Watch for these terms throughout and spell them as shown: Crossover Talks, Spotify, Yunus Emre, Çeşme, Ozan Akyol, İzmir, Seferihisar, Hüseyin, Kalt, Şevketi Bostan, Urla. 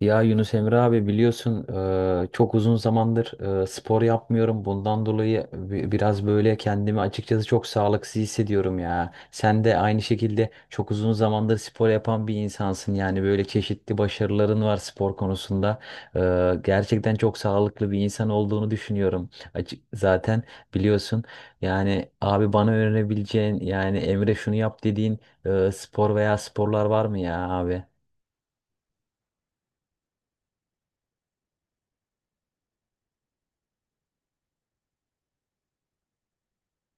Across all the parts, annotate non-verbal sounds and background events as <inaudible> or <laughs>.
Ya Yunus Emre abi biliyorsun, çok uzun zamandır spor yapmıyorum. Bundan dolayı biraz böyle kendimi açıkçası çok sağlıksız hissediyorum ya. Sen de aynı şekilde çok uzun zamandır spor yapan bir insansın. Yani böyle çeşitli başarıların var spor konusunda. Gerçekten çok sağlıklı bir insan olduğunu düşünüyorum. Açık, zaten biliyorsun, yani abi bana öğrenebileceğin, yani Emre şunu yap dediğin spor veya sporlar var mı ya abi?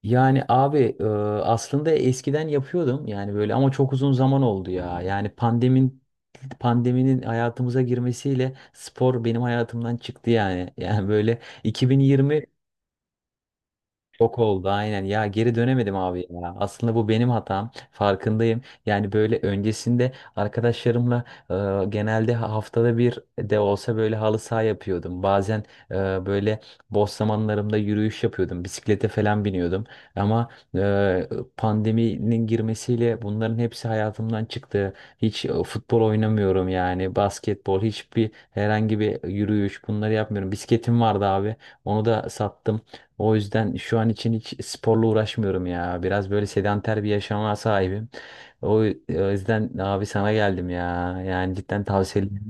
Yani abi aslında eskiden yapıyordum yani böyle, ama çok uzun zaman oldu ya. Yani pandeminin hayatımıza girmesiyle spor benim hayatımdan çıktı yani. <laughs> Yani böyle 2020, çok oldu aynen ya, geri dönemedim abi ya, aslında bu benim hatam farkındayım. Yani böyle öncesinde arkadaşlarımla e, genelde haftada bir de olsa böyle halı saha yapıyordum, bazen e, böyle boş zamanlarımda yürüyüş yapıyordum, bisiklete falan biniyordum, ama e, pandeminin girmesiyle bunların hepsi hayatımdan çıktı. Hiç futbol oynamıyorum, yani basketbol, hiçbir, herhangi bir yürüyüş, bunları yapmıyorum. Bisikletim vardı abi, onu da sattım. O yüzden şu an için hiç sporla uğraşmıyorum ya. Biraz böyle sedanter bir yaşama sahibim. O yüzden abi sana geldim ya. Yani cidden tavsiyelerini.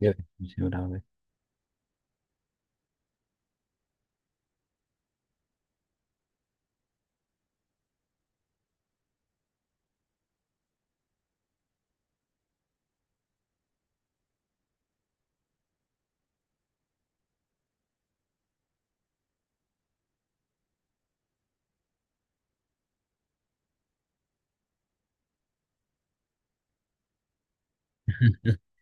Evet. Hüseyin abi. <laughs>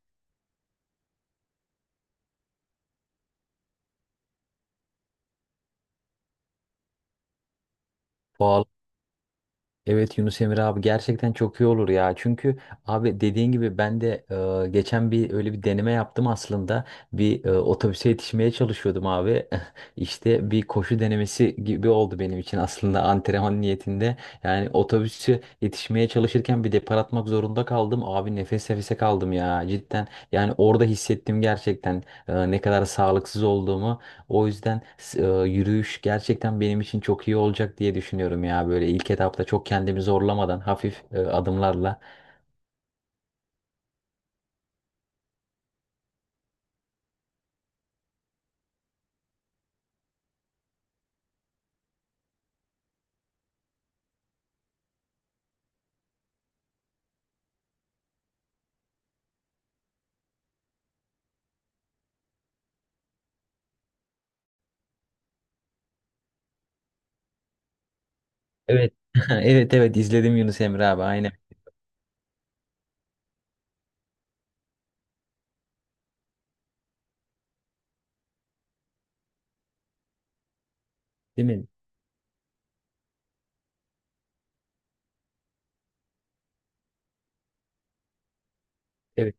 Pahalı. Evet Yunus Emre abi, gerçekten çok iyi olur ya. Çünkü abi dediğin gibi ben de geçen bir öyle bir deneme yaptım aslında. Bir otobüse yetişmeye çalışıyordum abi. <laughs> İşte bir koşu denemesi gibi oldu benim için, aslında antrenman niyetinde. Yani otobüse yetişmeye çalışırken bir depar atmak zorunda kaldım. Abi nefes nefese kaldım ya cidden. Yani orada hissettim gerçekten ne kadar sağlıksız olduğumu. O yüzden yürüyüş gerçekten benim için çok iyi olacak diye düşünüyorum ya. Böyle ilk etapta çok kendimi zorlamadan, hafif adımlarla. Evet. <laughs> Evet, evet, izledim Yunus Emre abi, aynen. Değil mi? Evet.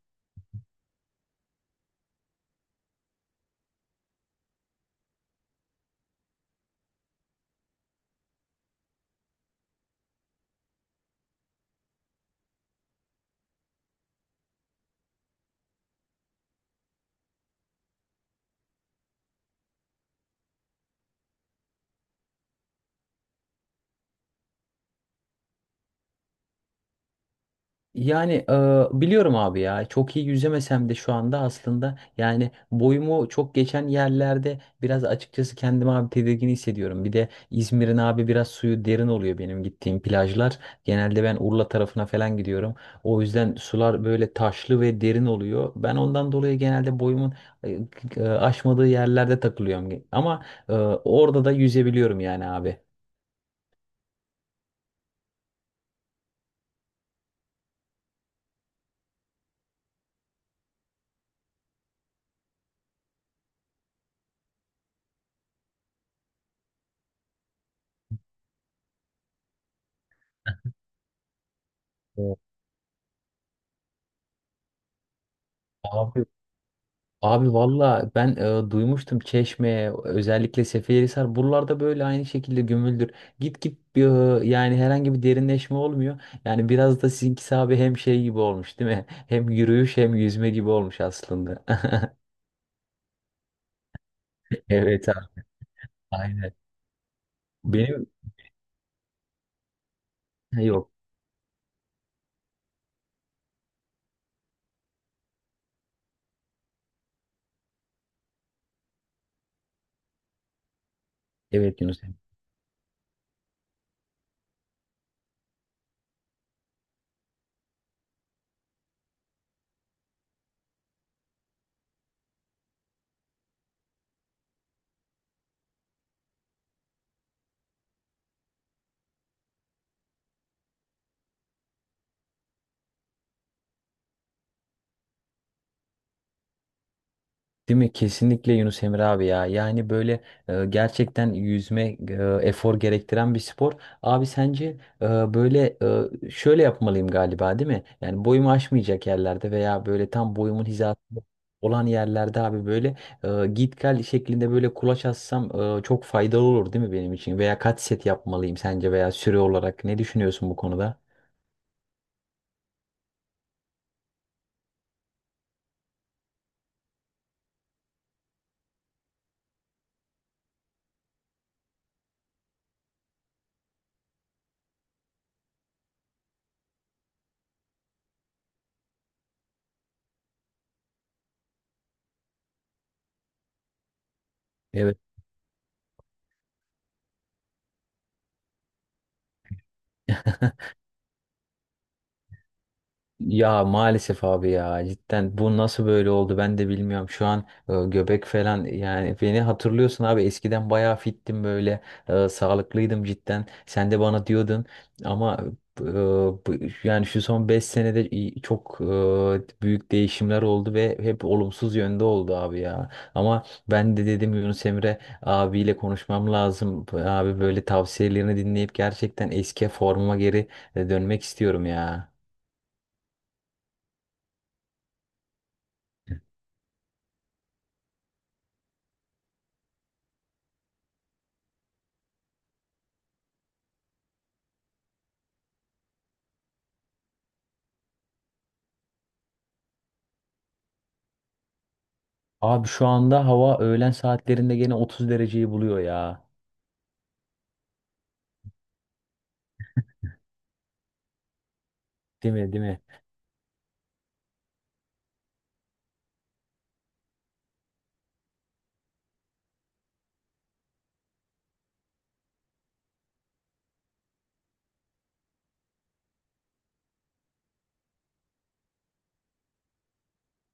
Yani biliyorum abi ya, çok iyi yüzemesem de şu anda, aslında yani boyumu çok geçen yerlerde biraz açıkçası kendimi abi tedirgin hissediyorum. Bir de İzmir'in abi biraz suyu derin oluyor, benim gittiğim plajlar. Genelde ben Urla tarafına falan gidiyorum. O yüzden sular böyle taşlı ve derin oluyor. Ben ondan dolayı genelde boyumun e, aşmadığı yerlerde takılıyorum. Ama orada da yüzebiliyorum yani abi. Evet. Abi, valla ben duymuştum Çeşme, özellikle Seferihisar, buralarda böyle aynı şekilde gömüldür. Git git e, yani herhangi bir derinleşme olmuyor. Yani biraz da sizinkisi abi hem şey gibi olmuş değil mi? <laughs> Hem yürüyüş hem yüzme gibi olmuş aslında. <laughs> Evet abi, aynen. Benim. Ha, yok. Evet Yunus. Değil mi? Kesinlikle Yunus Emre abi ya. Yani böyle gerçekten yüzme efor gerektiren bir spor. Abi sence e, böyle şöyle yapmalıyım galiba değil mi? Yani boyumu aşmayacak yerlerde veya böyle tam boyumun hizasında olan yerlerde abi böyle git gel şeklinde böyle kulaç assam çok faydalı olur değil mi benim için? Veya kaç set yapmalıyım sence, veya süre olarak ne düşünüyorsun bu konuda? Evet. <laughs> Ya maalesef abi ya, cidden bu nasıl böyle oldu ben de bilmiyorum. Şu an göbek falan, yani beni hatırlıyorsun abi, eskiden bayağı fittim böyle, sağlıklıydım cidden. Sen de bana diyordun. Ama e, bu- yani şu son 5 senede çok büyük değişimler oldu ve hep olumsuz yönde oldu abi ya. Ama ben de dedim Yunus Emre abiyle konuşmam lazım. Abi böyle tavsiyelerini dinleyip gerçekten eski formuma geri dönmek istiyorum ya. Abi şu anda hava öğlen saatlerinde gene 30 dereceyi buluyor ya. Değil mi? Değil mi?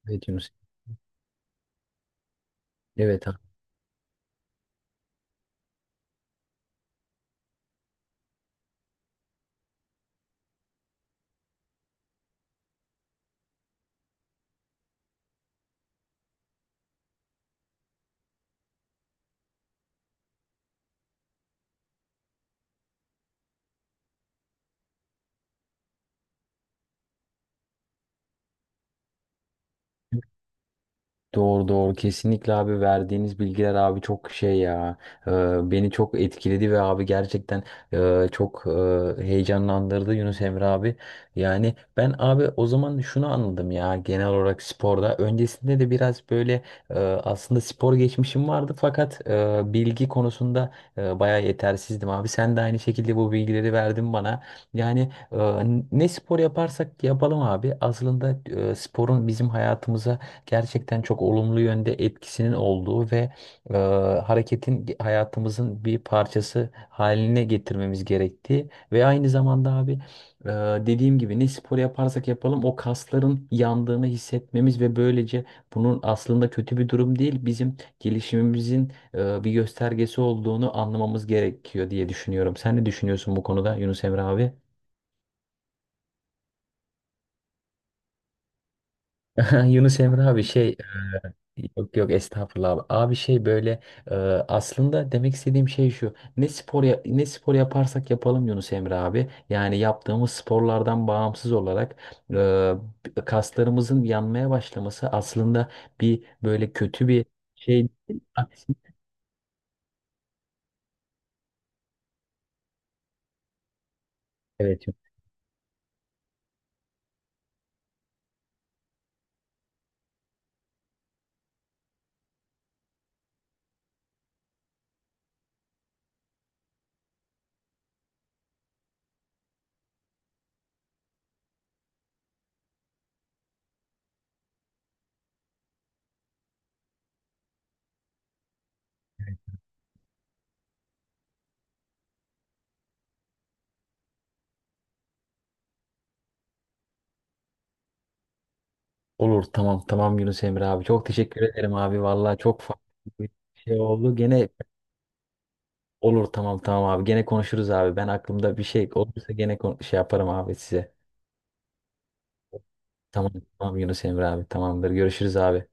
Evet Yunus. Evet. Doğru, doğru, kesinlikle abi. Verdiğiniz bilgiler abi çok şey ya, Ee, beni çok etkiledi ve abi gerçekten çok heyecanlandırdı Yunus Emre abi. Yani ben abi o zaman şunu anladım ya, genel olarak sporda öncesinde de biraz böyle aslında spor geçmişim vardı, fakat bilgi konusunda bayağı yetersizdim abi. Sen de aynı şekilde bu bilgileri verdin bana. Yani ne spor yaparsak yapalım abi, aslında sporun bizim hayatımıza gerçekten çok olumlu yönde etkisinin olduğu ve e, hareketin hayatımızın bir parçası haline getirmemiz gerektiği ve aynı zamanda abi e, dediğim gibi ne spor yaparsak yapalım o kasların yandığını hissetmemiz ve böylece bunun aslında kötü bir durum değil, bizim gelişimimizin bir göstergesi olduğunu anlamamız gerekiyor diye düşünüyorum. Sen ne düşünüyorsun bu konuda Yunus Emre abi? <laughs> Yunus Emre abi şey. Yok, yok, estağfurullah abi. Abi şey böyle e, aslında demek istediğim şey şu. Ne spor yaparsak yapalım Yunus Emre abi. Yani yaptığımız sporlardan bağımsız olarak kaslarımızın yanmaya başlaması aslında bir böyle kötü bir şey değil. Evet. Olur, tamam tamam Yunus Emre abi. Çok teşekkür ederim abi. Vallahi çok farklı bir şey oldu. Gene olur, tamam tamam abi. Gene konuşuruz abi. Ben aklımda bir şey olursa gene şey yaparım abi size. Tamam, tamam Yunus Emre abi. Tamamdır. Görüşürüz abi.